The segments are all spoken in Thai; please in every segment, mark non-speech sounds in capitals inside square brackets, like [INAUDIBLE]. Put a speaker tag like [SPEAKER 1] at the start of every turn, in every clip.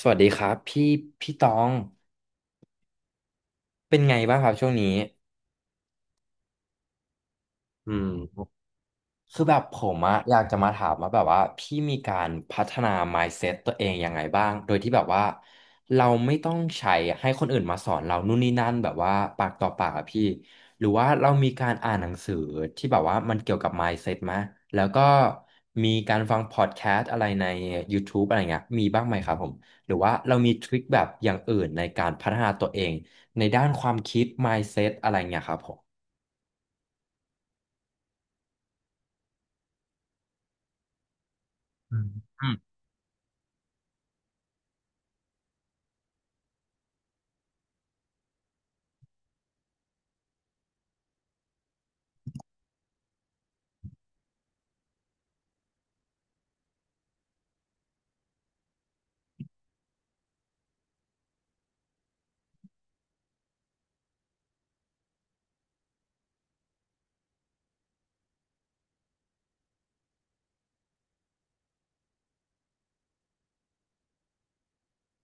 [SPEAKER 1] สวัสดีครับพี่พี่ตองเป็นไงบ้างครับช่วงนี้อืม คือแบบผมอะอยากจะมาถามว่าแบบว่าพี่มีการพัฒนา mindset ตัวเองยังไงบ้างโดยที่แบบว่าเราไม่ต้องใช้ให้คนอื่นมาสอนเรานู่นนี่นั่นแบบว่าปากต่อปากอะพี่หรือว่าเรามีการอ่านหนังสือที่แบบว่ามันเกี่ยวกับ mindset ไหมแล้วก็มีการฟังพอดแคสต์อะไรใน YouTube อะไรเงี้ยมีบ้างไหมครับผมหรือว่าเรามีทริคแบบอย่างอื่นในการพัฒนาตัวเองในด้านความคิด mindset อะไรเงี้ยครับผมอืม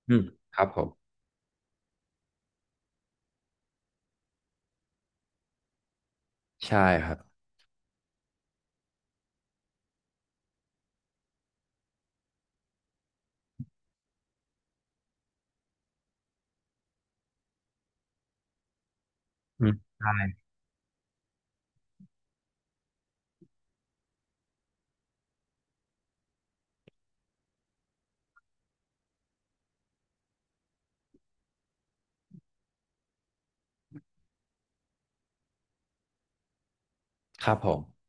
[SPEAKER 1] อืมครับผมใช่ครับ ครับผม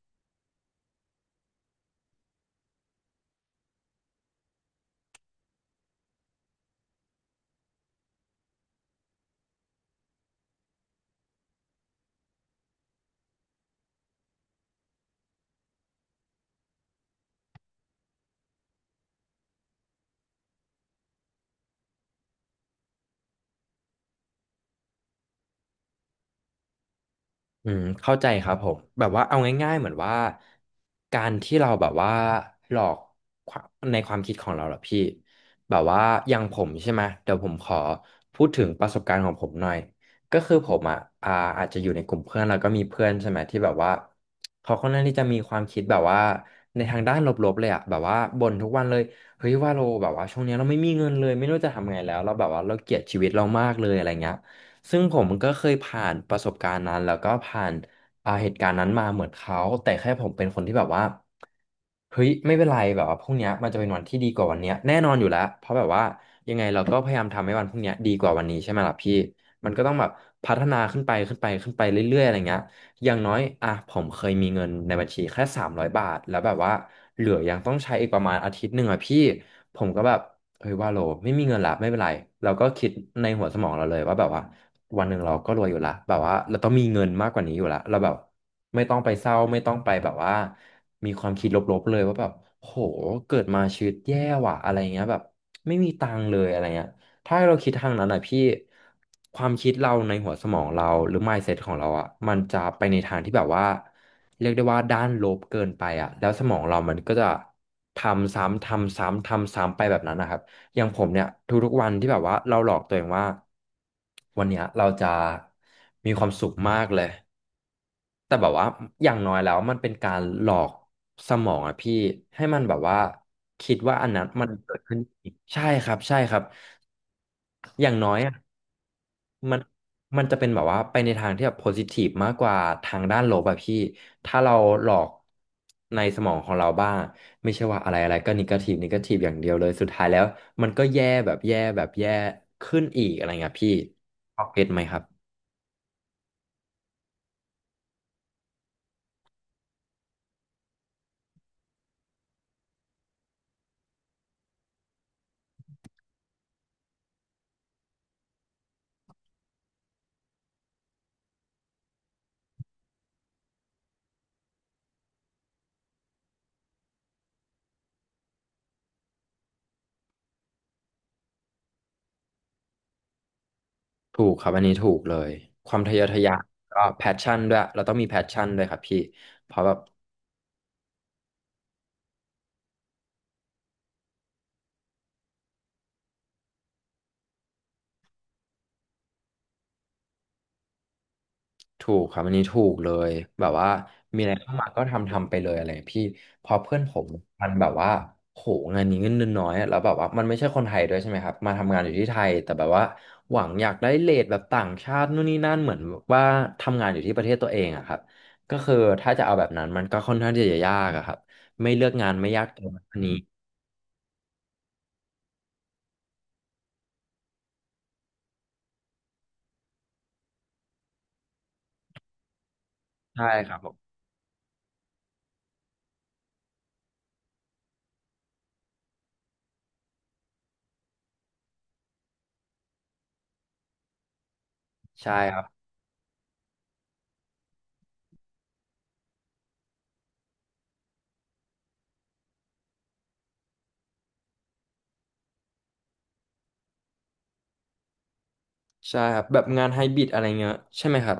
[SPEAKER 1] อืมเข้าใจครับผมแบบว่าเอาง่ายๆเหมือนว่าการที่เราแบบว่าหลอกความในความคิดของเราเหรอพี่แบบว่าอย่างผมใช่ไหมเดี๋ยวผมขอพูดถึงประสบการณ์ของผมหน่อยก็คือผมอ่ะอ่าอาจจะอยู่ในกลุ่มเพื่อนแล้วก็มีเพื่อนใช่ไหมที่แบบว่าเขาค่อนข้างที่จะมีความคิดแบบว่าในทางด้านลบๆเลยอะแบบว่าบ่นทุกวันเลยเฮ้ยว่าเราแบบว่าช่วงเนี้ยเราไม่มีเงินเลยไม่รู้จะทำไงแล้วเราแบบว่าเราเกลียดชีวิตเรามากเลยอะไรเงี้ย ซึ่งผมก็เคยผ่านประสบการณ์นั้นแล้วก็ผ่านเหตุการณ์นั้นมาเหมือนเขาแต่แค่ผมเป็นคนที่แบบว่าเฮ้ยไม่เป็นไรแบบว่าพรุ่งเนี้ยมันจะเป็นวันที่ดีกว่าวันเนี้ยแน่นอนอยู่แล้วเพราะแบบว่ายังไงเราก็พยายามทำให้วันพรุ่งเนี้ยดีกว่าวันนี้ใช่ไหมล่ะพี่มันก็ต้องแบบพัฒนาขึ้นไปขึ้นไปขึ้นไปเรื่อยๆอะไรเงี้ยอย่างน้อยอ่ะผมเคยมีเงินในบัญชีแค่3 0ยบาทแล้วแบบว่าเหลือยังต้องใช้อีกประมาณอาทิตย์หนึ่งอ่ะพี่ผมก็แบบ เฮ้ยว่าโลไม่มีเงินละไม่เป็นไรเราก็คิดในหัวสมองเราเลยว่าแบบว่าวันหนึ่งเราก็รวยอยู่ละแบบว่าเราต้องมีเงินมากกว่านี้อยู่ละเราแบบไม่ต้องไปเศร้าไม่ต้องไปแบบว่ามีความคิดลบๆเลยว่าแบบโหเกิดมาชีวิตแย่ว่ะอะไรเงี้ยแบบไม่มีตังค์เลยอะไรเงี้ยถ้าเราคิดทางนั้นอ่ะพี่ความคิดเราในหัวสมองเราหรือ mindset ของเราอ่ะมันจะไปในทางที่แบบว่าเรียกได้ว่าด้านลบเกินไปอ่ะแล้วสมองเรามันก็จะทำซ้ำทำซ้ำทำซ้ำไปแบบนั้นนะครับ อย่างผมเนี่ยทุกๆวันที่แบบว่าเราหลอกตัวเองว่าวันเนี้ยเราจะมีความสุขมากเลยแต่แบบว่าอย่างน้อยแล้วมันเป็นการหลอกสมองอะพี่ให้มันแบบว่าคิดว่าอันนั้นมันเกิดขึ้นอีกใช่ครับใช่ครับอย่างน้อยอะ มันมันจะเป็นแบบว่าไปในทางที่แบบโพซิทีฟมากกว่าทางด้านลบอะพี่ถ้าเราหลอกในสมองของเราบ้างไม่ใช่ว่าอะไรอะไรก็นิเกทีฟนิเกทีฟอย่างเดียวเลยสุดท้ายแล้วมันก็แย่แบบแย่แบบแย่ขึ้นอีกอะไรเงี้ยพี่พอเก็ตไหมครับถูกครับอันนี้ถูกเลยความทะเยอทะยานก็แพชชั่นด้วยเราต้องมีแพชชั่นด้วยครับพี่เพราะแบบ ถูกครับอันนี้ถูกเลยแบบว่ามีอะไรเข้ามาก็ทำทำไปเลยอะไรพี่เพื่อนผมมันแบบว่าโหงานนี้เงินเดือนน้อยอะแล้วแบบว่ามันไม่ใช่คนไทยด้วยใช่ไหมครับมาทำงานอยู่ที่ไทยแต่แบบว่าหวังอยากได้เรทแบบต่างชาตินู่นนี่นั่นเหมือนว่าทำงานอยู่ที่ประเทศตัวเองอะครับก็คือถ้าจะเอาแบบนั้นมันก็ค่อนข้างที่จะยากอะครับไม่เลือกงานไม่ยากตรงอันนี้ใช่ครับผมใช่ครับใช่ครับแบบงานไฮบริดอะไรเงี้ยใช่ไหมครับ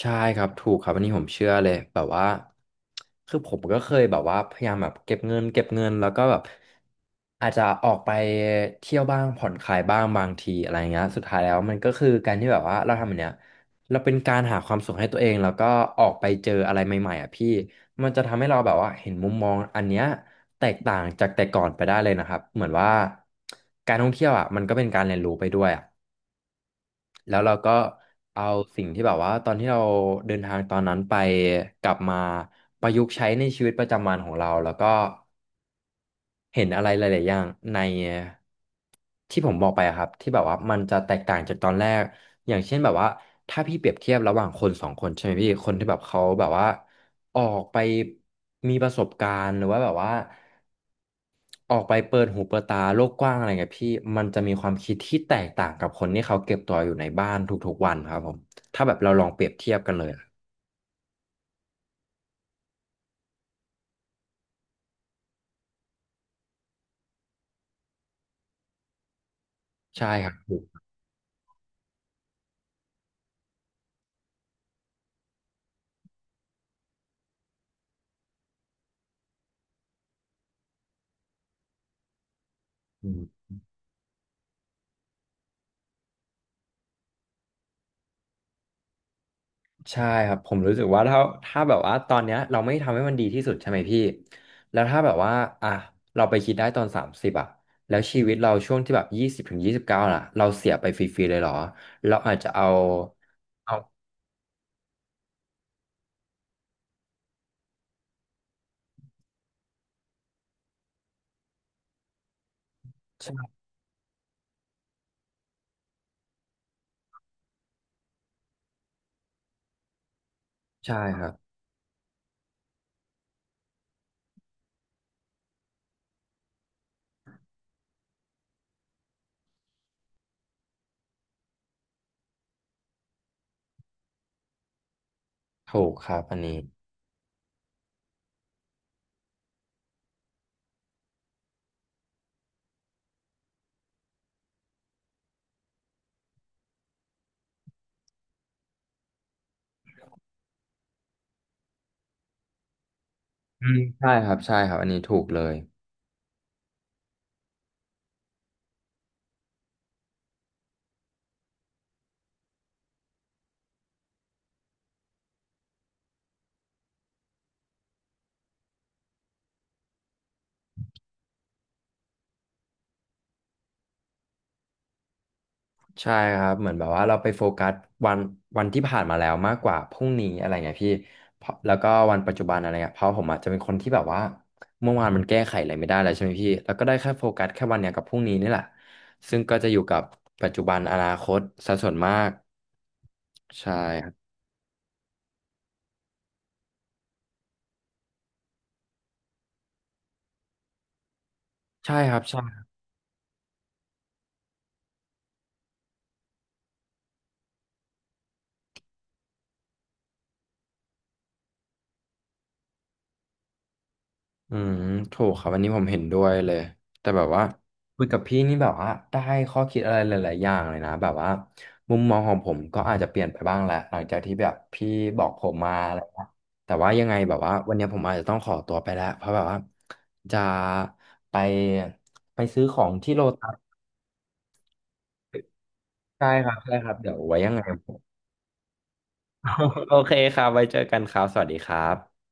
[SPEAKER 1] ใช่ครับถูกครับอันนี้ผมเชื่อเลยแบบว่าคือผมก็เคยแบบว่าพยายามแบบเก็บเงินแล้วก็แบบอาจจะออกไปเที่ยวบ้างผ่อนคลายบ้างบางทีอะไรเงี้ยสุดท้ายแล้วมันก็คือการที่แบบว่าเราทำแบบเนี้ยเราเป็นการหาความสุขให้ตัวเองแล้วก็ออกไปเจออะไรใหม่ๆอ่ะพี่มันจะทำให้เราแบบว่าเห็นมุมมองอันเนี้ยแตกต่างจากแต่ก่อนไปได้เลยนะครับเหมือนว่าการท่องเที่ยวอ่ะมันก็เป็นการเรียนรู้ไปด้วยอ่ะ แล้วเราก็เอาสิ่งที่แบบว่าตอนที่เราเดินทางตอนนั้นไปกลับมาประยุกต์ใช้ในชีวิตประจำวันของเราแล้วก็เห็นอะไรหลายๆอย่างในที่ผมบอกไปอะครับที่แบบว่ามันจะแตกต่างจากตอนแรกอย่างเช่นแบบว่าถ้าพี่เปรียบเทียบระหว่างคนสองคนใช่ไหมพี่คนที่แบบเขาแบบว่าออกไปมีประสบการณ์หรือว่าแบบว่า ออกไปเปิดหูเปิดตาโลกกว้างอะไรเงี้ยพี่มันจะมีความคิดที่แตกต่างกับคนที่เขาเก็บตัวอยู่ในบ้านทุกๆวันครับผมถ้าแบบเราลองเปรียบเทียบกันเลยอะใช่ครับอืมใช่ครับผมรู้สึกว่าถ้าแบบว่าตอนเนี้ยเราไม่ทำให้มันดีที่สุดใช่ไหมพี่แล้วถ้าแบบว่าอ่ะเราไปคิดได้ตอน30อ่ะแล้วชีวิตเราช่วงที่แบบยี่สิบถึง29ล่ะเราเสียไปฟรีๆเลยเหรอเราอาจจะเอาใช่ใช่ครับถูกครับอันนี้อืมใช่ครับใช่ครับอันนี้ถูกเลย ใช่ครับเหมือนแบบว่าเราไปโฟกัสวันวันที่ผ่านมาแล้วมากกว่าพรุ่งนี้อะไรเงี้ยพี่เพราะแล้วก็วันปัจจุบันอะไรเงี้ยเพราะผมอาจจะเป็นคนที่แบบว่าเมื่อวานมันแก้ไขอะไรไม่ได้แล้วใช่ไหมพี่แล้วก็ได้แค่โฟกัสแค่วันเนี้ยกับพรุ่งนี้นี่แหละซึ่งก็จะอยู่กับปัจจุบันอนาคตซะส่วนมากใช่ครับใช่ครับ อืมถูกครับอันนี้ผมเห็นด้วยเลยแต่แบบว่าคุยกับพี่นี่แบบว่าได้ข้อคิดอะไรหลายๆอย่างเลยนะแบบว่ามุมมองของผมก็อาจจะเปลี่ยนไปบ้างแหละหลังจากที่แบบพี่บอกผมมาอะไรเงี้ยแต่ว่ายังไงแบบว่าวันนี้ผมอาจจะต้องขอตัวไปแล้วเพราะแบบว่าจะไปไปซื้อของที่โลตัสใช่ครับใช่ครับเดี๋ยวไว้ยังไงผม [LAUGHS] โอเคครับไว้เจอกันครับสวัสดีครับ